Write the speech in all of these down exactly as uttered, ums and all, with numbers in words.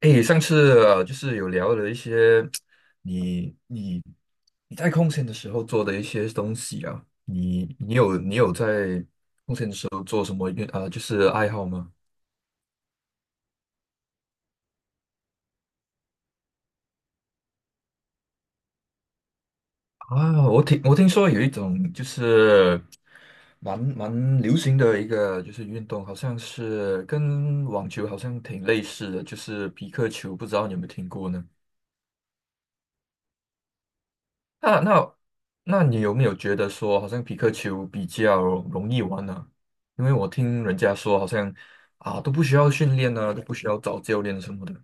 哎，上次呃就是有聊了一些你你你在空闲的时候做的一些东西啊，你你有你有在做做什么运啊、呃就是爱好吗？啊，我听我听说有一种就是蛮蛮流行的一个就是运动，好像是跟网球好像挺类似的，就是皮克球，不知道你有没有听过呢？那那那你有没有觉得说，好像皮克球比较容易玩呢，因为我听人家说，好像啊都不需要训练啊，都不需要找教练什么的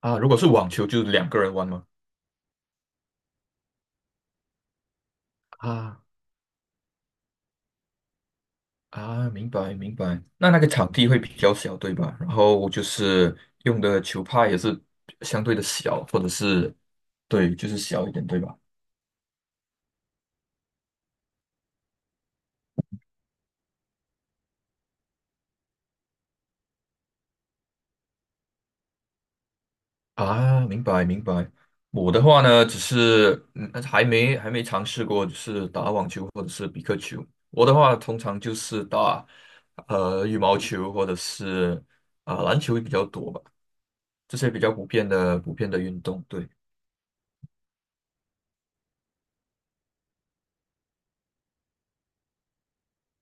啊。如果是网球，就两个人玩吗？啊啊，明白明白。那那个场地会比较小，对吧？然后就是用的球拍也是相对的小，或者是对，就是小一点，对吧？啊，明白明白。我的话呢，只是嗯，还没还没尝试过，就是打网球或者是比克球。我的话，通常就是打呃羽毛球或者是啊、篮球比较多吧，这些比较普遍的普遍的运动。对，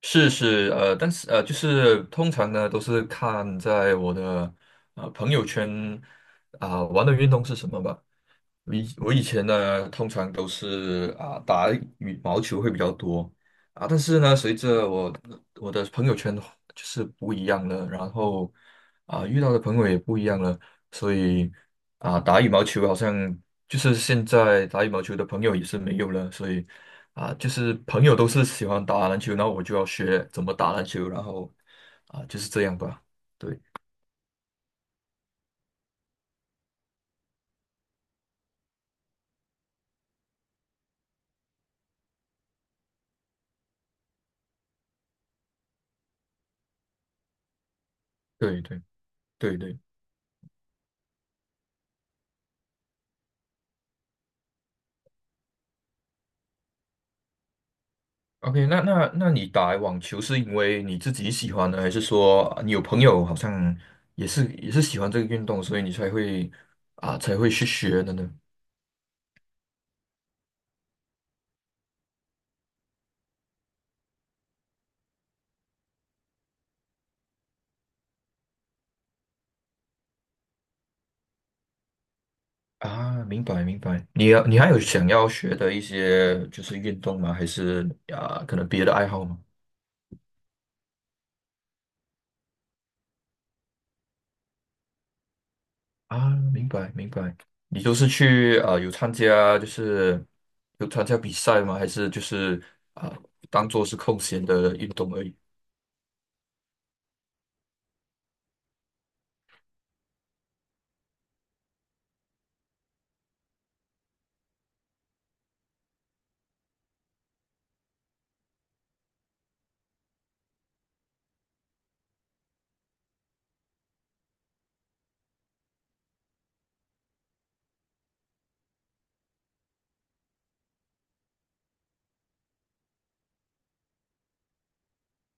是是呃，但是呃，就是通常呢都是看在我的呃朋友圈啊、玩的运动是什么吧。我以我以前呢，通常都是啊打羽毛球会比较多啊。但是呢，随着我我的朋友圈就是不一样了，然后啊遇到的朋友也不一样了，所以啊打羽毛球好像就是现在打羽毛球的朋友也是没有了，所以啊就是朋友都是喜欢打篮球，然后我就要学怎么打篮球，然后啊就是这样吧，对对对对对。OK，那那那你打网球是因为你自己喜欢呢，还是说啊你有朋友好像也是也是喜欢这个运动，所以你才会啊才会去学的呢？啊，明白明白。你要你还有想要学的一些就是运动吗？还是啊可能别的爱好吗？啊，明白明白。你都是去啊有参加就是有参加比赛吗？还是就是啊当做是空闲的运动而已？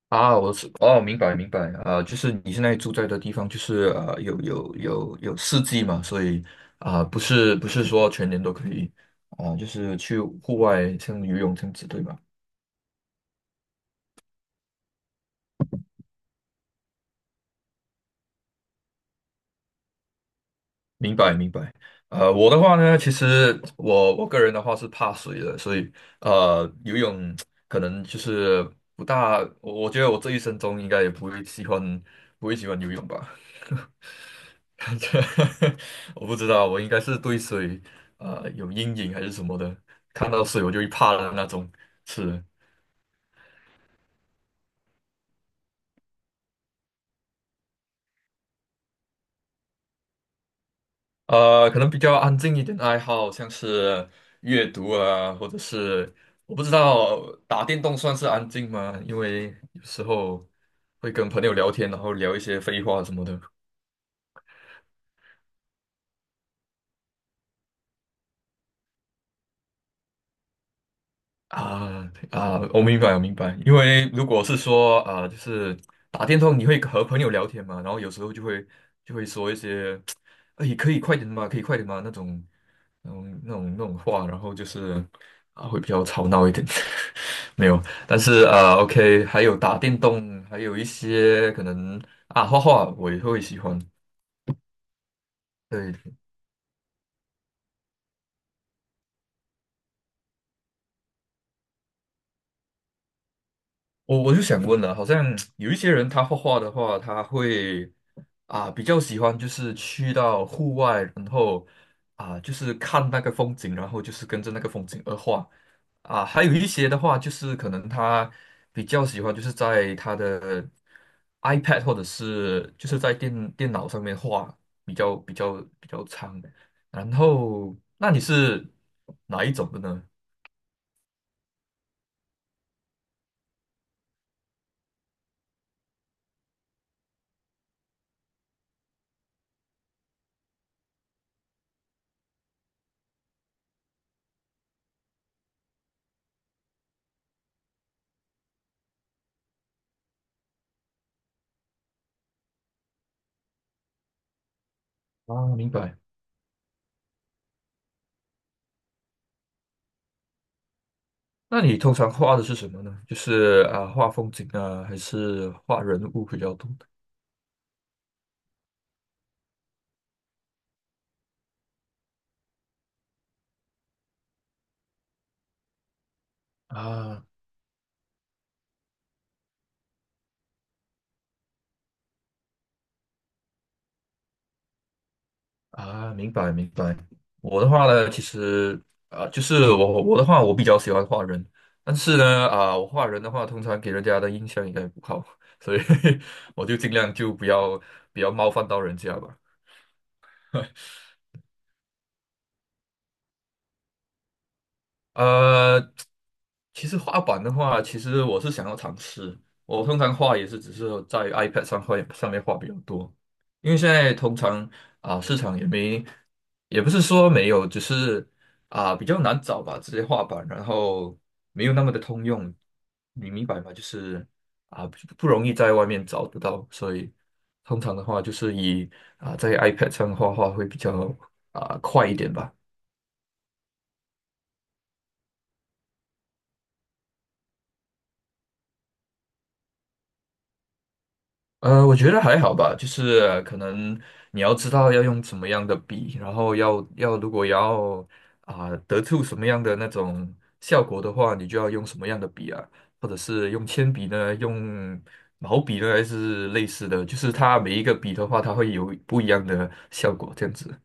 啊，我是哦，明白明白。啊，就是你现在住在的地方，就是呃，有有有有四季嘛，所以啊、不是不是说全年都可以啊、就是去户外像游泳这样子，对吧？明白明白。呃，我的话呢，其实我我个人的话是怕水的，所以呃，游泳可能就是不大，我我觉得我这一生中应该也不会喜欢不会喜欢游泳吧。这我不知道，我应该是对水呃有阴影还是什么的，看到水我就会怕的那种。是。呃，可能比较安静一点的爱好，像是阅读啊，或者是我不知道打电动算是安静吗？因为有时候会跟朋友聊天，然后聊一些废话什么的。啊啊，我明白，我明白。因为如果是说啊，就是打电动，你会和朋友聊天嘛，然后有时候就会就会说一些，哎，可以快点嘛，可以快点嘛那种，那种那种那种话，然后就是啊，会比较吵闹一点。没有，但是啊，OK，还有打电动，还有一些可能啊，画画我也会喜欢。对，我我就想问了，好像有一些人他画画的话，他会啊比较喜欢就是去到户外，然后啊就是看那个风景，然后就是跟着那个风景而画啊。还有一些的话，就是可能他比较喜欢就是在他的 iPad 或者是就是在电电脑上面画，比较比较比较长。然后，那你是哪一种的呢？啊，明白。那你通常画的是什么呢？就是啊，画风景啊，还是画人物比较多？啊啊，明白明白。我的话呢，其实啊，就是我我的话，我比较喜欢画人，但是呢，啊，我画人的话，通常给人家的印象应该不好，所以 我就尽量就不要不要冒犯到人家吧。呃，其实画板的话，其实我是想要尝试。我通常画也是只是在 iPad 上画上面画比较多，因为现在通常啊、市场也没，也不是说没有，只是啊、比较难找吧这些画板，然后没有那么的通用，你明白吗？就是啊、不不容易在外面找得到，所以通常的话就是以啊、在 iPad 上画画会比较啊、快一点吧。呃，我觉得还好吧，就是可能你要知道要用什么样的笔，然后要要如果要啊、得出什么样的那种效果的话，你就要用什么样的笔啊，或者是用铅笔呢，用毛笔呢，还是类似的，就是它每一个笔的话，它会有不一样的效果，这样子。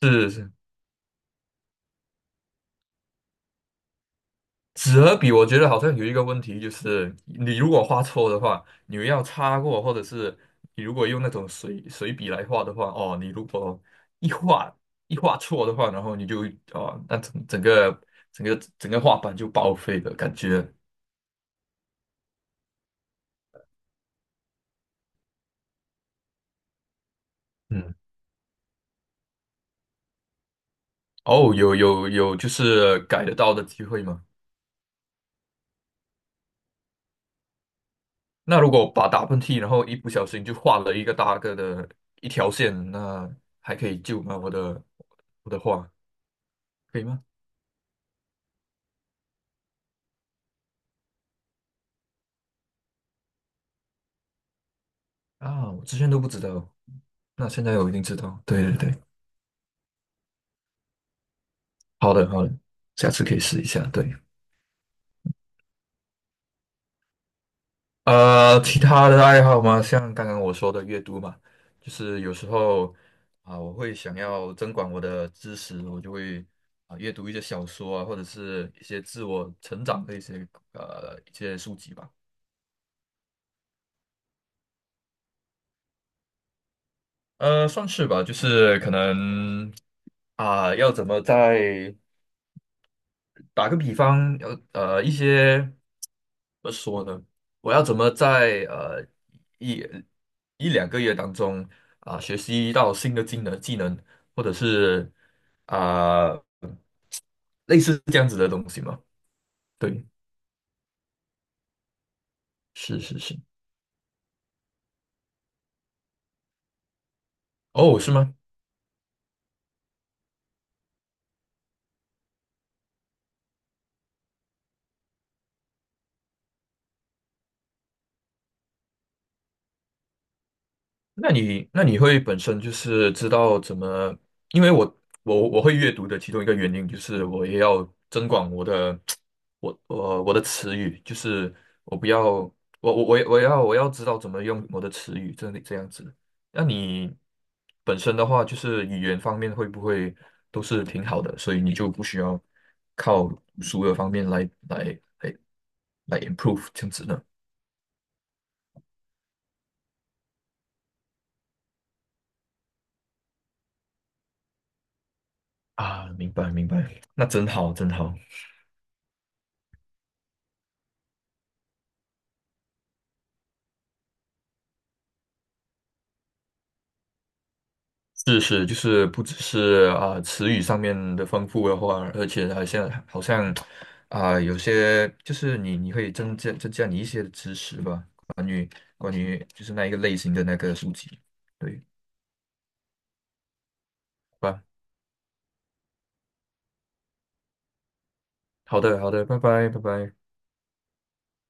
是。纸和笔，我觉得好像有一个问题，就是你如果画错的话，你要擦过，或者是你如果用那种水水笔来画的话，哦，你如果一画一画错的话，然后你就哦，那整整个整个整个画板就报废了，感觉。嗯，哦，有有有，就是改得到的机会吗？那如果把打喷嚏，然后一不小心就画了一个大个的一条线，那还可以救吗？我的我的画可以吗？啊，我之前都不知道。那现在我一定知道，对对对，好的好的，下次可以试一下。对，呃，其他的爱好吗？像刚刚我说的阅读嘛，就是有时候啊、我会想要增广我的知识，我就会啊、阅读一些小说啊，或者是一些自我成长的一些呃一些书籍吧。呃，算是吧，就是可能啊、要怎么在打个比方，呃呃，一些怎么说呢？我要怎么在呃一一两个月当中啊、学习到新的技能技能，或者是啊、类似这样子的东西嘛？对，是是是，哦，是吗？那你那你会本身就是知道怎么？因为我我我会阅读的其中一个原因就是我也要增广我的 我我我的词语，就是我不要我我我也我要我要知道怎么用我的词语，这里这样子。那你本身的话，就是语言方面会不会都是挺好的，所以你就不需要靠读书的方面来来来来 improve 这样子呢？啊，明白明白，那真好真好。知识就是不只是啊、词语上面的丰富的话，而且好像好像啊、有些就是你你可以增加增加你一些的知识吧，关于关于就是那一个类型的那个书籍，对吧？好的好的，拜拜拜拜。